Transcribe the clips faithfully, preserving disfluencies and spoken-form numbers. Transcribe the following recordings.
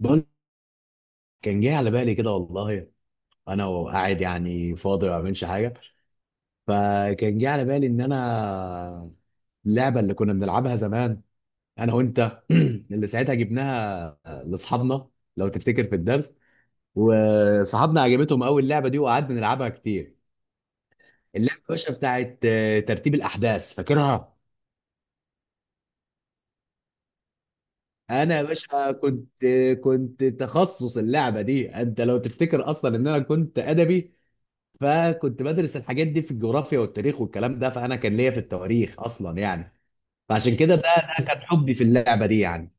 بقول، كان جه على بالي كده والله. انا وقاعد يعني فاضي ما بعملش حاجه. فكان جه على بالي ان انا اللعبه اللي كنا بنلعبها زمان انا وانت اللي ساعتها جبناها لاصحابنا، لو تفتكر في الدرس. وصحابنا عجبتهم قوي اللعبه دي وقعدنا نلعبها كتير. اللعبه يا باشا بتاعت آه، ترتيب الاحداث، فاكرها؟ انا يا باشا كنت كنت تخصص اللعبه دي. انت لو تفتكر اصلا ان انا كنت ادبي، فكنت بدرس الحاجات دي في الجغرافيا والتاريخ والكلام ده، فانا كان ليا في التواريخ اصلا يعني. فعشان كده، ده ده كان حبي في اللعبه دي يعني.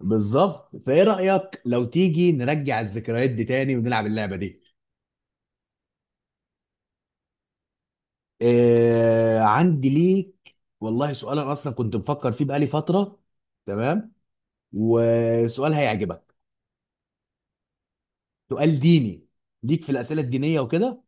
بالظبط، فايه رايك لو تيجي نرجع الذكريات دي تاني ونلعب اللعبه دي؟ آه، عندي ليك والله سؤال انا اصلا كنت مفكر فيه بقالي فتره. تمام. وسؤال هيعجبك. سؤال ديني. ليك في الاسئله الدينيه وكده.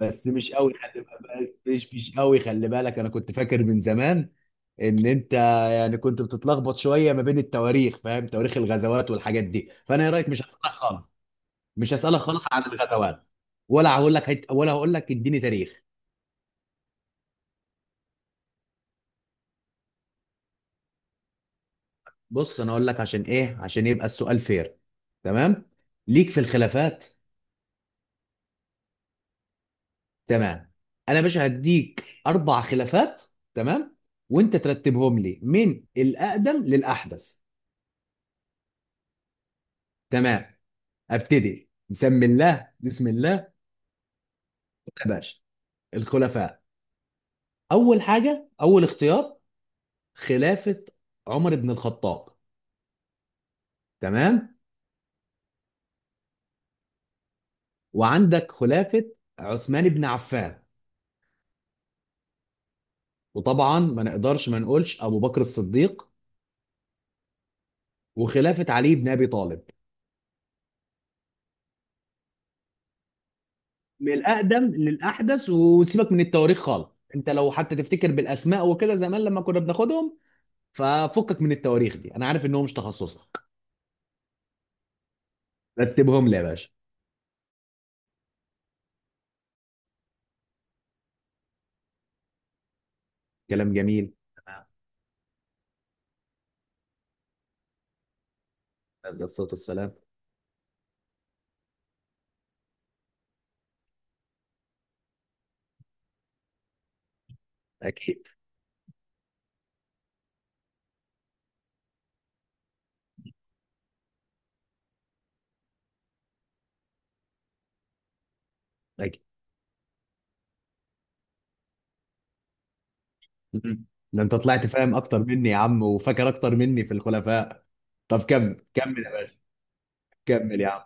بس مش قوي خلي بالك، مش مش قوي خلي بالك، انا كنت فاكر من زمان ان انت يعني كنت بتتلخبط شويه ما بين التواريخ، فاهم، تواريخ الغزوات والحاجات دي. فانا ايه رايك، مش هسالك خالص، مش هسالك خالص عن الغزوات، ولا هقول لك هت... ولا هقول لك اديني تاريخ. بص انا اقول لك عشان ايه، عشان يبقى السؤال فير. تمام. ليك في الخلافات. تمام. انا مش هديك اربع خلافات. تمام. وانت ترتبهم لي من الاقدم للاحدث. تمام. ابتدي، بسم الله بسم الله، يا باشا. الخلفاء. اول حاجه، اول اختيار، خلافه عمر بن الخطاب. تمام. وعندك خلافه عثمان بن عفان. وطبعا ما نقدرش ما نقولش ابو بكر الصديق. وخلافه علي بن ابي طالب. من الاقدم للاحدث، وسيبك من التواريخ خالص. انت لو حتى تفتكر بالاسماء وكده زمان لما كنا بناخدهم. ففكك من التواريخ دي، انا عارف ان هو مش تخصصك. رتبهم لي يا باشا. كلام جميل. تمام. عليه الصلاه والسلام. اكيد. اكيد. مم. ده انت طلعت فاهم اكتر مني يا عم، وفاكر اكتر مني في الخلفاء. طب كمل كمل يا باشا. كمل يا عم.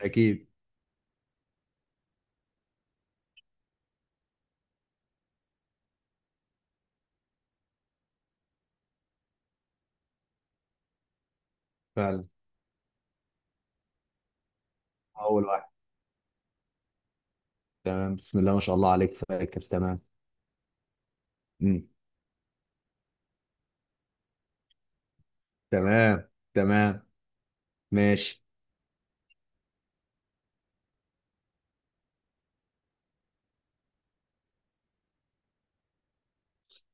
اكيد. فعلا. اول واحد. تمام، بسم الله ما شاء الله عليك، فاكر. تمام. مم. تمام. تمام. ماشي.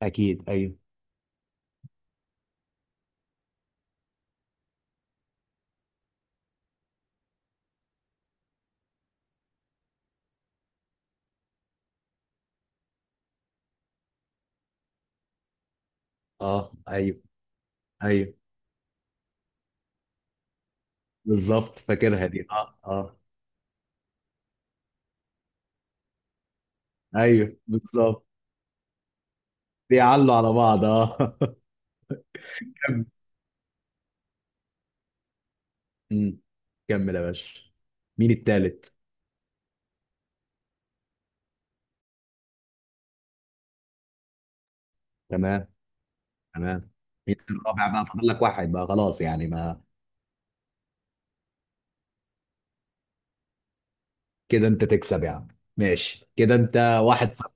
اكيد. ايوه. اه. ايوه. ايوه بالظبط، فاكرها دي. اه. اه. ايوه بالظبط، بيعلوا على بعض. اه. كمل. مم. كمل يا باشا. مين التالت؟ تمام. تمام. هي الرابع بقى، فاضل لك واحد بقى، خلاص يعني ما. كده انت تكسب يا عم. ماشي. كده انت. واحد صفر.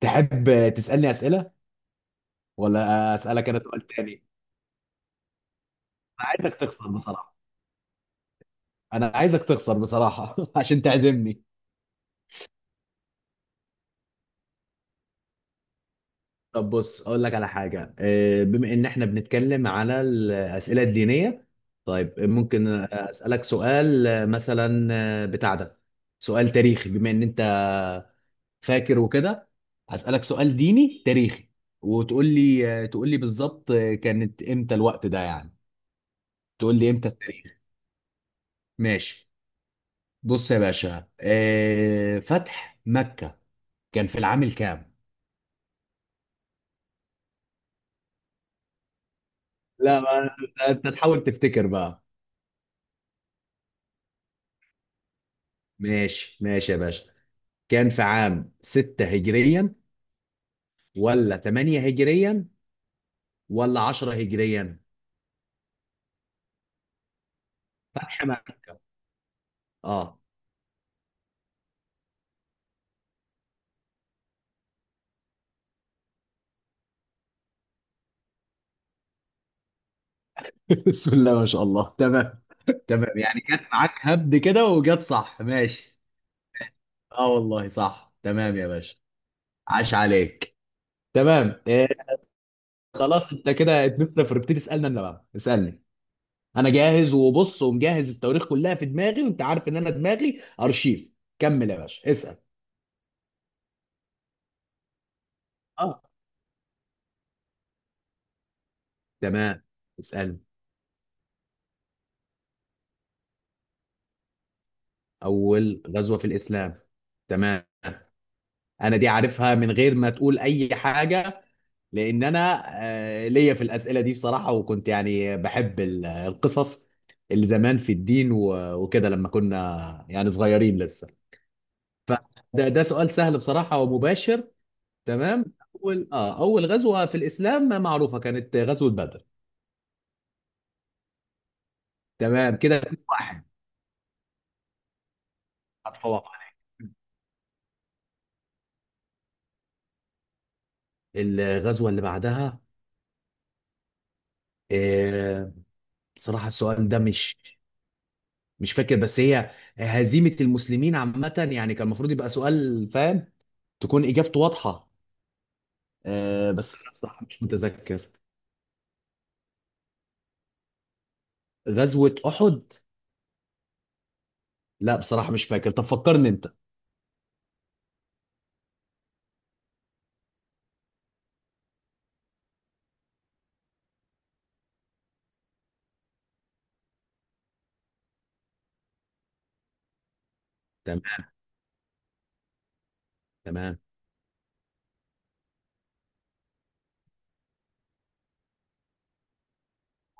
تحب تسألني أسئلة، ولا أسألك أنا سؤال تاني؟ انا عايزك تخسر بصراحة. انا عايزك تخسر بصراحة عشان تعزمني. طب بص اقول لك على حاجة، آه، بما ان احنا بنتكلم على الأسئلة الدينية. طيب ممكن أسألك سؤال، آه، مثلا، آه، بتاع ده. سؤال تاريخي، بما ان انت فاكر وكده، هسألك سؤال ديني تاريخي. وتقول لي تقول لي بالظبط كانت امتى الوقت ده يعني. تقول لي امتى التاريخ. ماشي. بص يا باشا، آه، فتح مكة كان في العام الكام؟ لا، ما انت تحاول تفتكر بقى. ماشي ماشي يا باشا. كان في عام ستة هجريا، ولا ثمانية هجريا، ولا عشرة هجريا؟ فتح مكة، اه. بسم الله ما شاء الله. تمام. تمام يعني جت معاك هبد كده وجت صح. ماشي. اه والله صح، تمام يا باشا. عاش عليك. تمام. إيه. خلاص، انت كده اتنفنا فبتدي تسالنا، انا بقى اسالني. انا جاهز، وبص ومجهز التواريخ كلها في دماغي، وانت عارف ان انا دماغي ارشيف. كمل يا باشا اسال. اه. تمام. اسالني. اول غزوه في الاسلام. تمام. انا دي عارفها من غير ما تقول اي حاجه، لان انا آه، ليا في الاسئله دي بصراحه، وكنت يعني بحب ال- القصص اللي زمان في الدين، و- وكده لما كنا يعني صغيرين لسه. فده، ده سؤال سهل بصراحه ومباشر. تمام. اول اه اول غزوه في الاسلام معروفه كانت غزوه بدر. تمام، كده اتنين واحد. هتفوق عليك؟ الغزوه اللي بعدها، آه بصراحه السؤال ده مش مش فاكر، بس هي هزيمة المسلمين عامة، يعني كان المفروض يبقى سؤال فاهم، تكون إجابته واضحة. آه بس أنا بصراحة مش متذكر. غزوة أحد. لا بصراحة مش فاكر، طب فكرني أنت. تمام. تمام.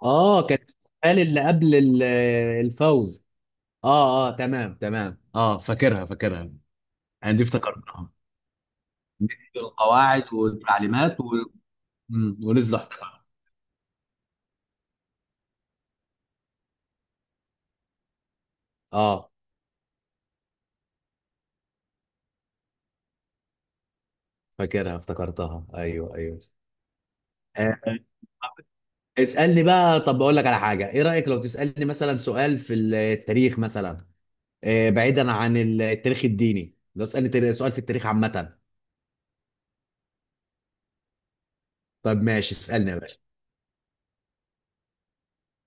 آه كانت، قال اللي قبل ال- الفوز. آه. آه. تمام. تمام. آه، فاكرها فاكرها. أنا دي افتكرتها. القواعد والتعليمات و... مم، ونزلوا احتكار. آه، فاكرها، افتكرتها. أيوه أيوه. آه. اسألني بقى. طب بقول لك على حاجة، ايه رأيك لو تسألني مثلا سؤال في التاريخ مثلا؟ آه، بعيدا عن التاريخ الديني، لو تسألني تاري- سؤال في التاريخ عامة. طب ماشي، اسألني يا باشا.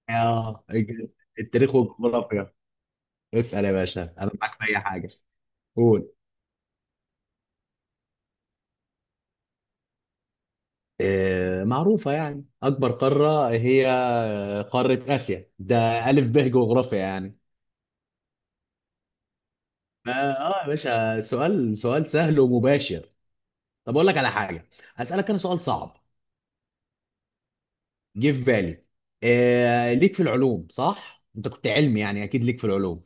اه. التاريخ والجغرافيا. اسأل يا باشا، انا معاك في اي حاجة. قول. آه، معروفة يعني، أكبر قارة هي قارة آسيا، ده ألف ب جغرافيا يعني. فا، اه يا باشا، سؤال سؤال سهل ومباشر. طب أقول لك على حاجة، هسألك أنا سؤال صعب. جه في بالي. آه ليك في العلوم، صح؟ انت كنت علمي يعني، اكيد ليك في العلوم.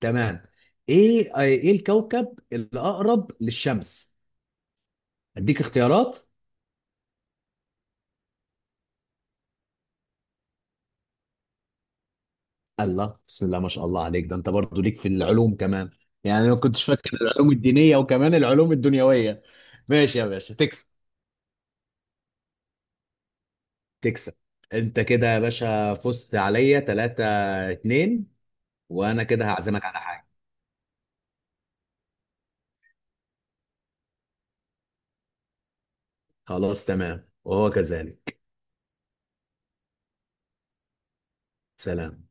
تمام. ايه ايه الكوكب الاقرب للشمس؟ اديك اختيارات؟ الله، بسم الله ما شاء الله عليك، ده انت برضو ليك في العلوم كمان. يعني انا ما كنتش فاكر العلوم الدينية وكمان العلوم الدنيوية. ماشي يا باشا، تكسب. تكسب. انت كده يا باشا فزت عليا تلاته اتنين، وانا كده هعزمك على حاجة. خلاص، تمام، وهو كذلك. سلام.